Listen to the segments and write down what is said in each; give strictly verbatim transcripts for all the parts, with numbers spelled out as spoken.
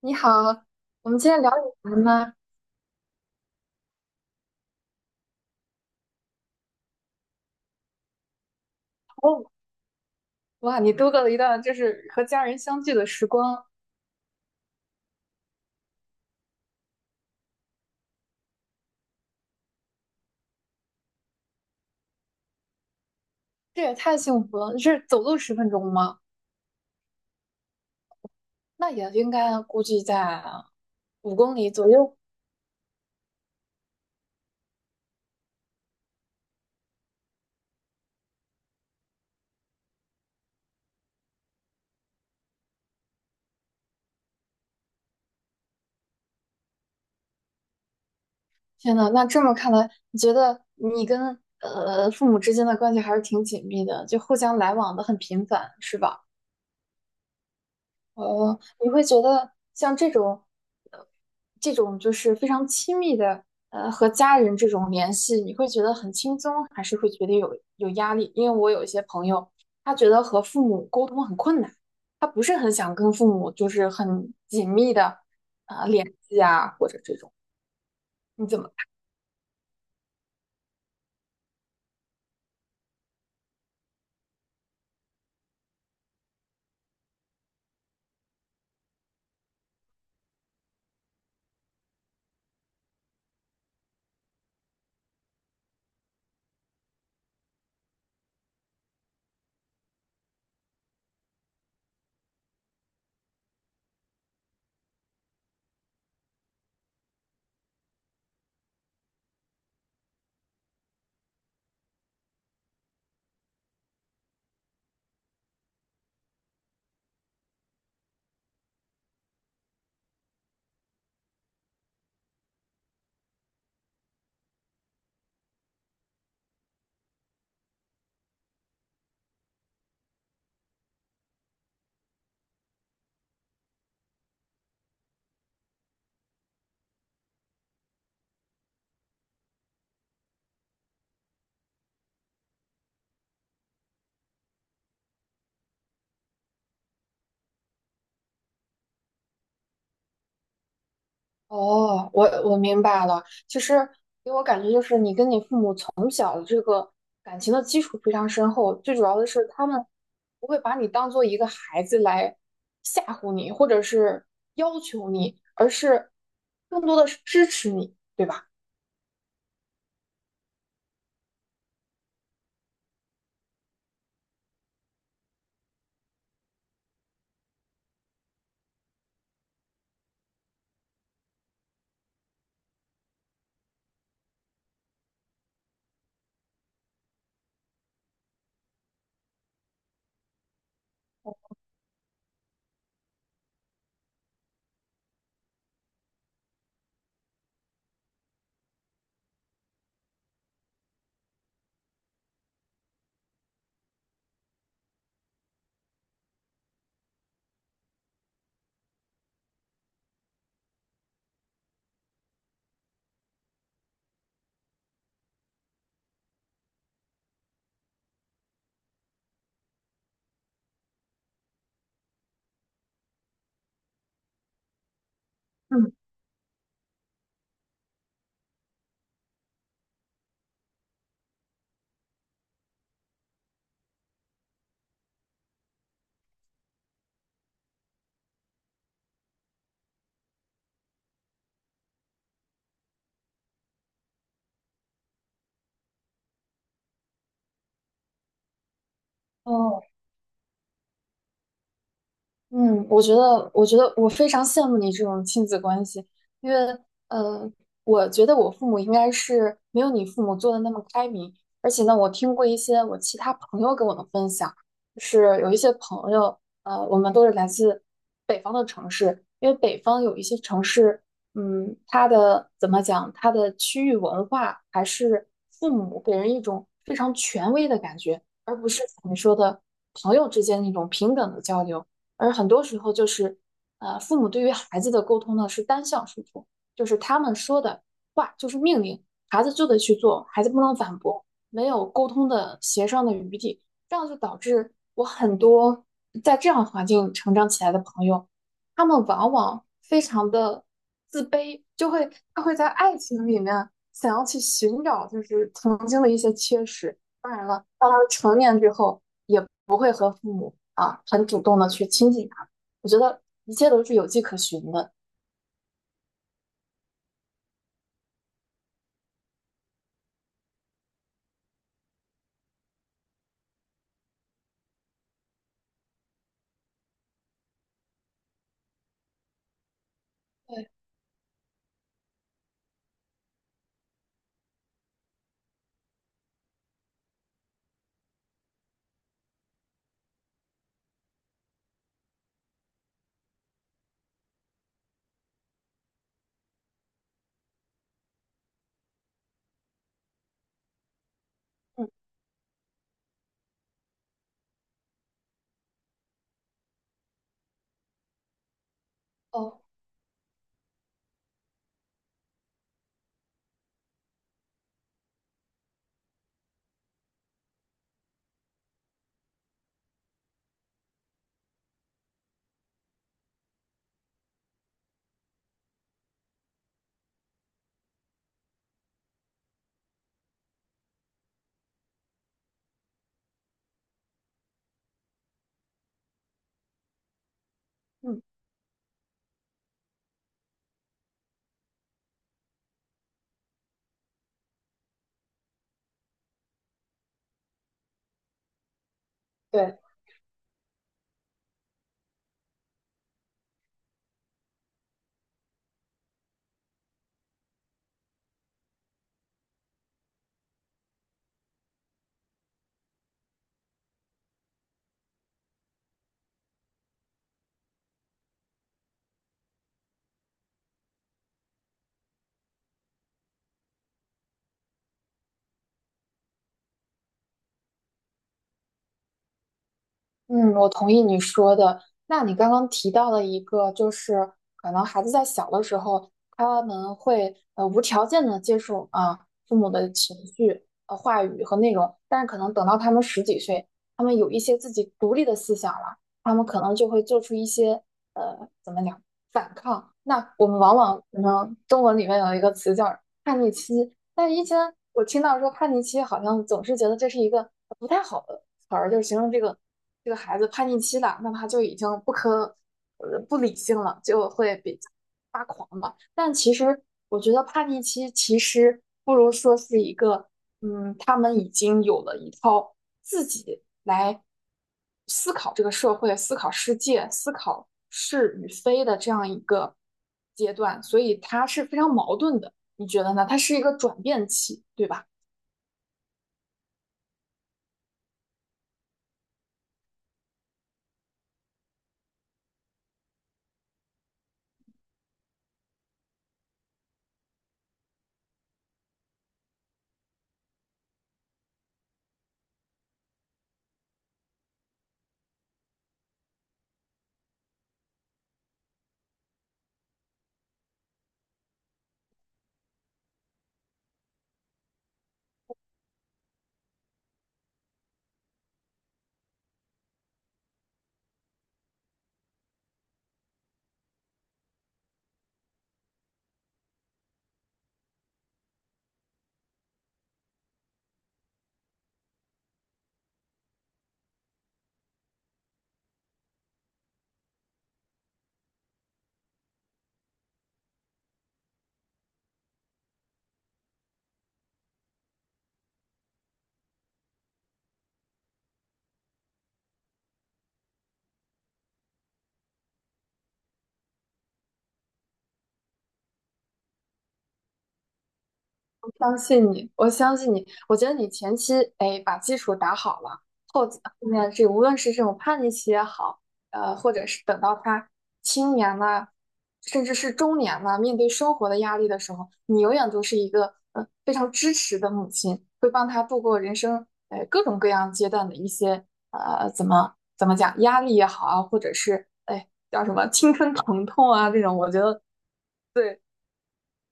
你好，我们今天聊点什么呢？哦，哇，你度过了一段就是和家人相聚的时光，这也太幸福了！你是走路十分钟吗？那也应该估计在五公里左右。天呐，那这么看来，你觉得你跟呃父母之间的关系还是挺紧密的，就互相来往的很频繁，是吧？哦，你会觉得像这种，呃，这种就是非常亲密的，呃，和家人这种联系，你会觉得很轻松，还是会觉得有有压力？因为我有一些朋友，他觉得和父母沟通很困难，他不是很想跟父母就是很紧密的，呃，联系啊，或者这种，你怎么看？哦，我我明白了，其实给我感觉就是你跟你父母。从。感情的基础非常深厚，最主要的是他们不会把你当做一个孩子来吓唬你，或者是要求你，而是更多的是支持你，对吧？嗯，哦，嗯，我觉得，我觉得我非常羡慕你这种亲子关系，因为，呃，我觉得我父母应该是没有你父母做的那么开明，而且呢，我听过一些我其他朋友跟我的分享，就是有一些朋友，呃，我们都是来自北方的城市，因为北方有一些城市，嗯，它的怎么讲，它的区域文化还是父母给人一种非常权威的感觉，而不是你说的朋友之间那种平等的交流。而很多时候就是，呃，父母对于孩子的沟通呢是单向输出，就是他们说的话就是命令，孩子就得去做，孩子不能反驳，没有沟通的协商的余地，这样就导致我很多在这样环境成长起来的朋友，他们往往非常的自卑，就会他会在爱情里面想要去寻找就是曾经的一些缺失。当然了，到了成年之后，也不会和父母啊很主动的去亲近他我觉得一切都是有迹可循的。对，嗯哦，嗯，对。嗯，我同意你说的。那你刚刚提到了一个，就是可能孩子在小的时候，他们会呃无条件的接受啊父母的情绪、呃话语和内容，但是可能等到他们十几岁，他们有一些自己独立的思想了，他们可能就会做出一些呃怎么讲反抗。那我们往往可能中文里面有一个词叫叛逆期，但以前我听到说叛逆期，好像总是觉得这是一个不太好的词儿，就是形容这个。这个孩子叛逆期了，那他就已经不可呃不理性了，就会比较发狂嘛。但其实我觉得叛逆期其实不如说是一个，嗯，他们已经有了一套自己来思考这个社会、思考世界、思考是与非的这样一个阶段，所以它是非常矛盾的。你觉得呢？它是一个转变期，对吧？相信你，我相信你。我觉得你前期哎把基础打好了，后后面这无论是这种叛逆期也好，呃，或者是等到他青年了，甚至是中年了，面对生活的压力的时候，你永远都是一个呃非常支持的母亲，会帮他度过人生呃各种各样阶段的一些呃怎么怎么讲压力也好啊，或者是哎叫什么青春疼痛啊这种，我觉得。对。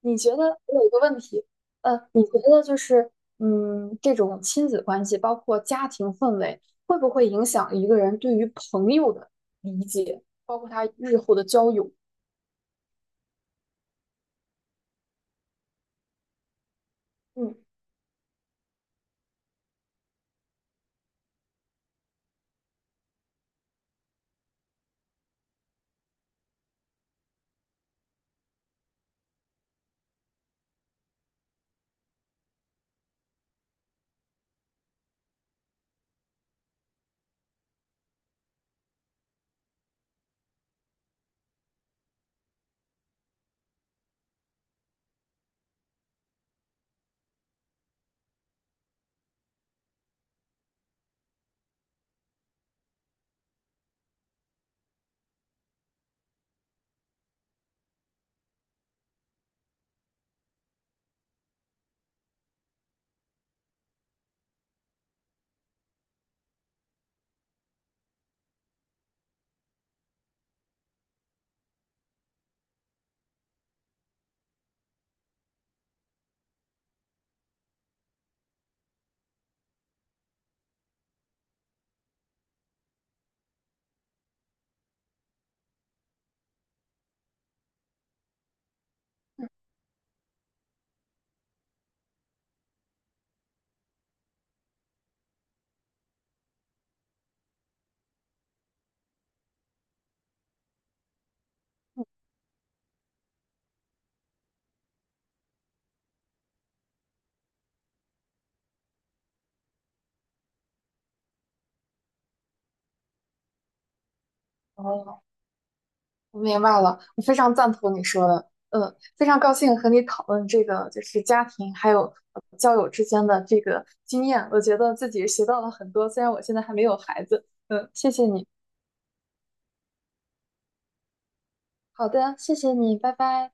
你觉得我有一个问题，呃，你觉得就是，嗯，这种亲子关系，包括家庭氛围，会不会影响一个人对于朋友的理解，包括他日后的交友？嗯，哦，我明白了，我非常赞同你说的，嗯，非常高兴和你讨论这个，就是家庭还有呃交友之间的这个经验，我觉得自己学到了很多，虽然我现在还没有孩子，嗯，谢谢你。好的，谢谢你，拜拜。